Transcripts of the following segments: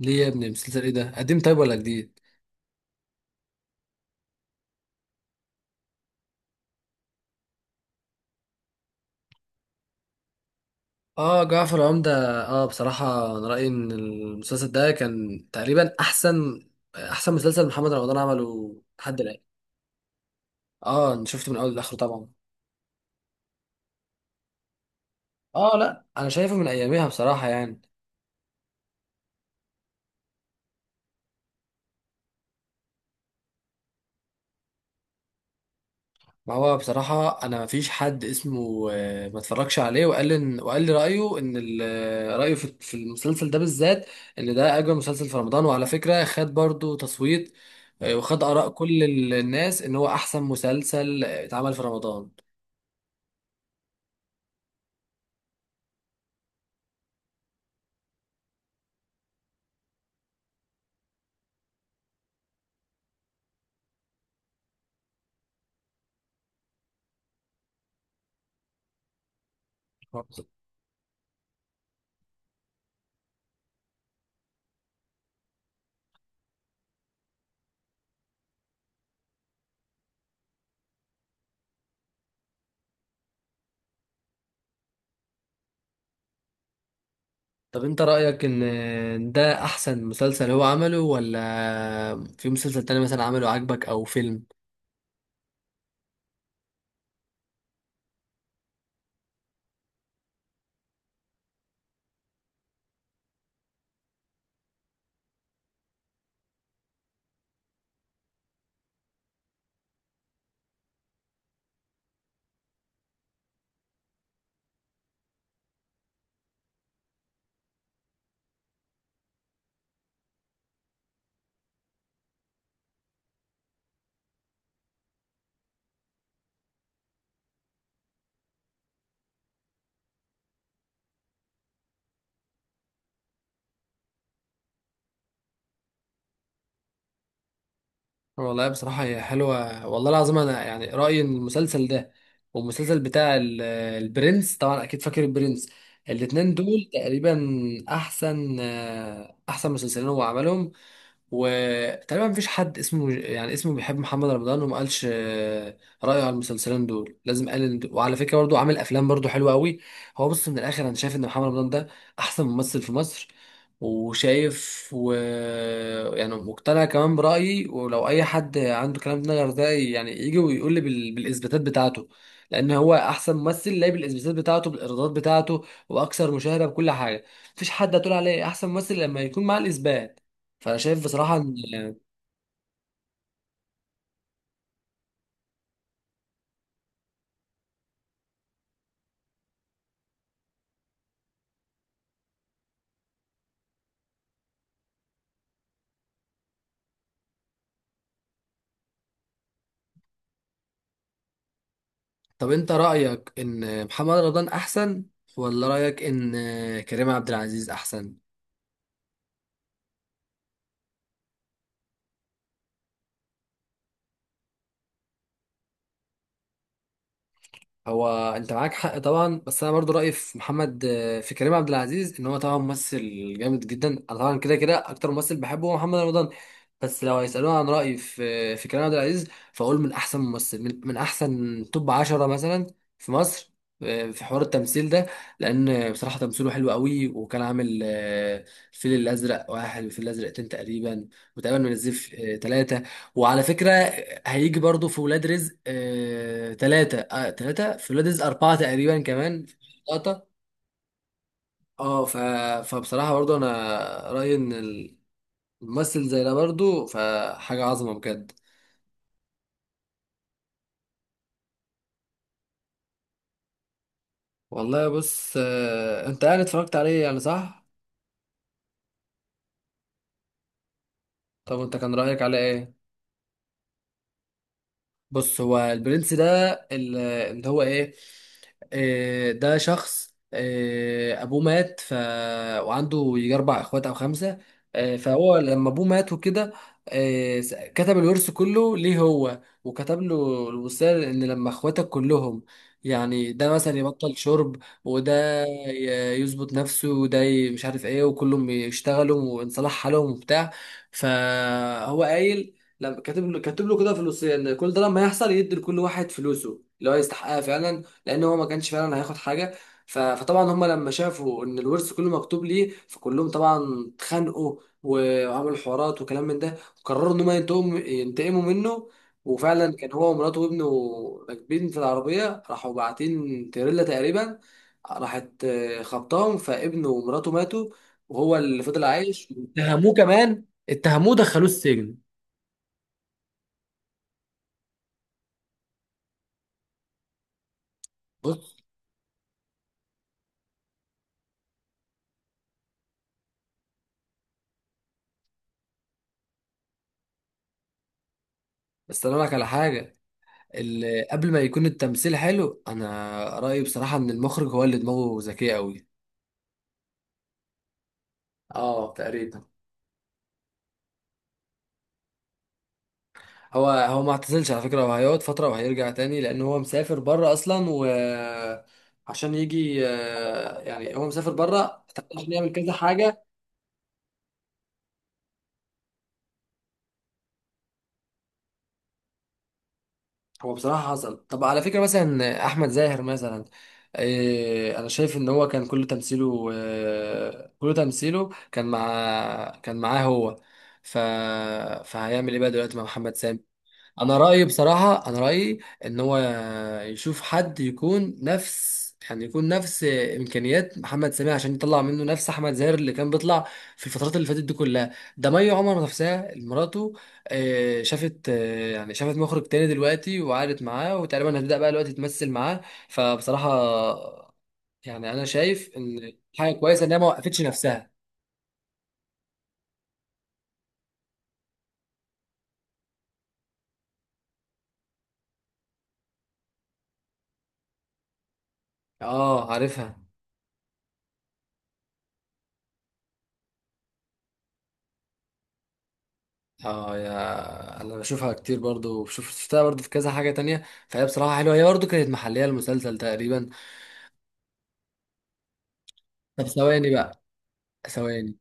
ليه يا ابني، مسلسل ايه ده؟ قديم طيب ولا جديد؟ اه، جعفر العمدة. اه، بصراحة انا رأيي ان المسلسل ده كان تقريبا احسن مسلسل محمد رمضان عمله لحد الآن. اه، انا شفته من اول لاخره طبعا. اه، لا، انا شايفه من اياميها بصراحة يعني. ما هو بصراحة أنا مفيش حد اسمه ما اتفرجش عليه وقال لي إن، وقال لي رأيه إن رأيه في المسلسل ده بالذات، إن ده أجمل مسلسل في رمضان، وعلى فكرة خد برضو تصويت وخد آراء كل الناس إن هو أحسن مسلسل اتعمل في رمضان. طب أنت رأيك إن ده أحسن مسلسل هو عمله، ولا في مسلسل تاني مثلا عمله عاجبك أو فيلم؟ والله بصراحة هي حلوة، والله العظيم أنا يعني رأيي إن المسلسل ده والمسلسل بتاع البرنس، طبعا أكيد فاكر البرنس، الاتنين دول تقريبا أحسن مسلسلين هو عملهم. وتقريبا مفيش حد اسمه يعني اسمه بيحب محمد رمضان وما قالش رأيه على المسلسلين دول، لازم قال. وعلى فكرة برضو عامل افلام برضو حلوة قوي. هو بص، من الاخر انا شايف ان محمد رمضان ده احسن ممثل في مصر، وشايف و يعني مقتنع كمان برأيي، ولو اي حد عنده كلام في نظر ده يعني يجي ويقول لي بالاثباتات بتاعته، لان هو احسن ممثل لاقي بالاثباتات بتاعته، بالايرادات بتاعته، واكثر مشاهدة بكل حاجة. مفيش حد هتقول عليه احسن ممثل لما يكون معاه الاثبات. فانا شايف بصراحه ان. طب انت رايك ان محمد رمضان احسن، ولا رايك ان كريم عبد العزيز احسن؟ هو انت معاك حق طبعا، بس انا برضو رايي في كريم عبد العزيز ان هو طبعا ممثل جامد جدا. انا طبعا كده كده اكتر ممثل بحبه هو محمد رمضان، بس لو هيسالوني عن رايي في كريم عبد العزيز، فاقول من احسن توب 10 مثلا في مصر في حوار التمثيل ده، لان بصراحه تمثيله حلو قوي، وكان عامل الفيل الازرق واحد، والفيل الازرق اتنين تقريبا، وتقريبا من الزيف ثلاثة، وعلى فكرة هيجي برضو في ولاد رزق تلاتة، في ولاد رزق أربعة تقريبا كمان لقطة. اه ف... فبصراحة برضو أنا رأيي إن الممثل زي ده برضو فحاجة عظمة بجد. والله بص، أنت يعني اتفرجت عليه يعني، صح؟ طب أنت كان رأيك عليه إيه؟ بص، هو البرنس ده اللي هو ايه، ده شخص ابوه مات، وعنده يجي اربع اخوات او خمسه. فهو لما ابوه مات وكده كتب الورث كله ليه هو، وكتب له الوصيه ان لما اخواتك كلهم، يعني ده مثلا يبطل شرب، وده يظبط نفسه، وده مش عارف ايه، وكلهم يشتغلوا، وان صلاح حالهم وبتاع، فهو قايل لما كاتب له كده فلوسيا، ان كل ده لما يحصل يدي لكل واحد فلوسه اللي هو يستحقها فعلا، لان هو ما كانش فعلا هياخد حاجه. فطبعا هم لما شافوا ان الورث كله مكتوب ليه، فكلهم طبعا اتخانقوا، وعملوا حوارات وكلام من ده، وقرروا ان هم ينتقموا منه، وفعلا كان هو ومراته وابنه راكبين في العربيه، راحوا باعتين تريلا تقريبا، راحت خبطاهم، فابنه ومراته ماتوا، وهو اللي فضل عايش، واتهموه كمان، اتهموه دخلوه السجن. بص، بس انا لك على حاجه، اللي قبل ما يكون التمثيل حلو، انا رايي بصراحه ان المخرج هو اللي دماغه ذكيه قوي. اه تقريبا. هو ما اعتزلش على فكره، هو هيقعد فتره وهيرجع تاني، لان هو مسافر بره اصلا و عشان يجي، يعني هو مسافر بره عشان يعمل كذا حاجه. هو بصراحة حصل. طب على فكرة مثلا أحمد زاهر مثلا، إيه، أنا شايف إن هو كان كل تمثيله كان معاه هو. ف... فهيعمل إيه بقى دلوقتي مع محمد سامي؟ انا رايي ان هو يشوف حد يكون نفس يعني يكون نفس امكانيات محمد سامي، عشان يطلع منه نفس احمد زاهر اللي كان بيطلع في الفترات اللي فاتت دي كلها. ده مي عمر نفسها مراته شافت، يعني شافت مخرج تاني دلوقتي وقعدت معاه، وتقريبا هتبدا بقى دلوقتي تمثل معاه. فبصراحه يعني انا شايف ان حاجه كويسه ان هي ما وقفتش نفسها. اه عارفها. اه، يا انا بشوفها كتير برضو، بشوف شفتها برضو في كذا حاجة تانية، فهي بصراحة حلوة، هي برضو كانت محلية المسلسل تقريبا. طب ثواني بقى، ثواني.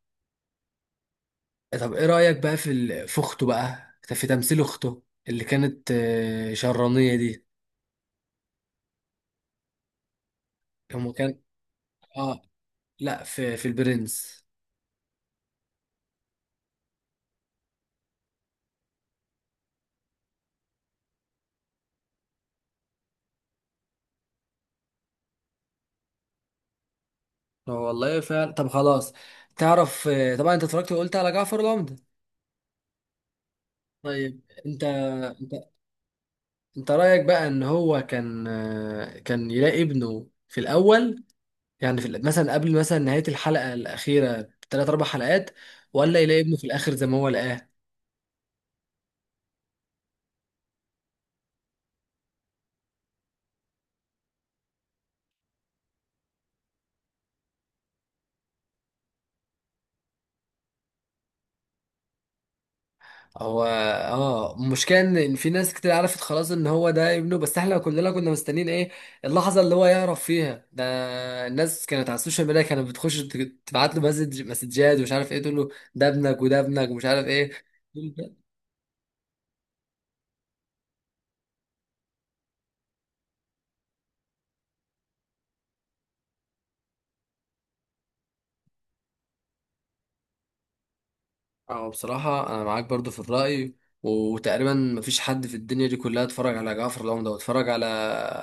طب ايه رأيك بقى في في اخته، بقى في تمثيل اخته اللي كانت شرانية دي؟ هم كان، اه لا، في البرنس. والله فعلا. طب خلاص، تعرف، طبعا انت اتفرجت وقلت على جعفر العمدة. طيب انت، انت انت رأيك بقى ان هو كان، كان يلاقي ابنه في الاول، يعني في مثلا قبل مثلا نهاية الحلقة الأخيرة بثلاث أربع حلقات، ولا يلاقي ابنه في الآخر زي ما هو لقاه؟ هو اه، المشكلة إن في ناس كتير عرفت خلاص إن هو ده ابنه، بس إحنا كلنا كنا مستنيين إيه، اللحظة اللي هو يعرف فيها ده. الناس كانت على السوشيال ميديا كانت بتخش تبعت له مسج، مسجات، ومش عارف إيه، تقول له ده ابنك وده ابنك ومش عارف إيه. اه بصراحة أنا معاك برضو في الرأي. وتقريبا مفيش حد في الدنيا دي كلها اتفرج على جعفر العمدة واتفرج على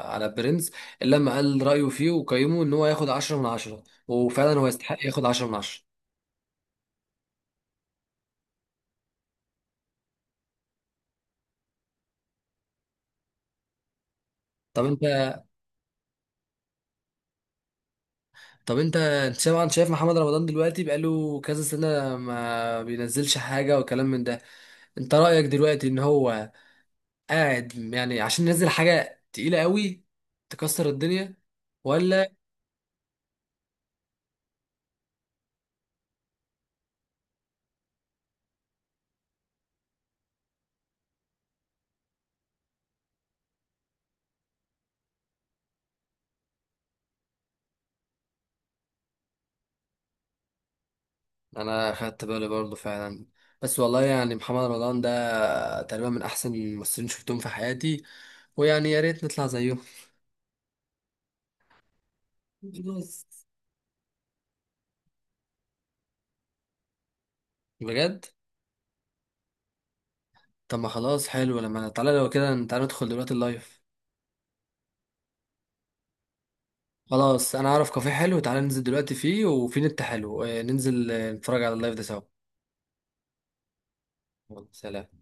على برنس إلا لما قال رأيه فيه وقيمه إن هو ياخد 10/10، وفعلا هو يستحق ياخد 10/10. طب أنت طب أنت طبعا شايف محمد رمضان دلوقتي بقاله كذا سنة ما بينزلش حاجة وكلام من ده. أنت رأيك دلوقتي إن هو قاعد يعني عشان ينزل حاجة تقيلة قوي تكسر الدنيا، ولا؟ انا خدت بالي برضه فعلا، بس والله يعني محمد رمضان ده تقريبا من احسن الممثلين شفتهم في حياتي، ويعني يا ريت نطلع زيه. خلاص. بجد. طب ما خلاص حلو، لما تعالى لو كده تعالى ندخل دلوقتي اللايف. خلاص انا اعرف كافيه حلو، تعالى ننزل دلوقتي فيه، وفي نت حلو، ننزل نتفرج على اللايف ده سوا. يلا، سلام.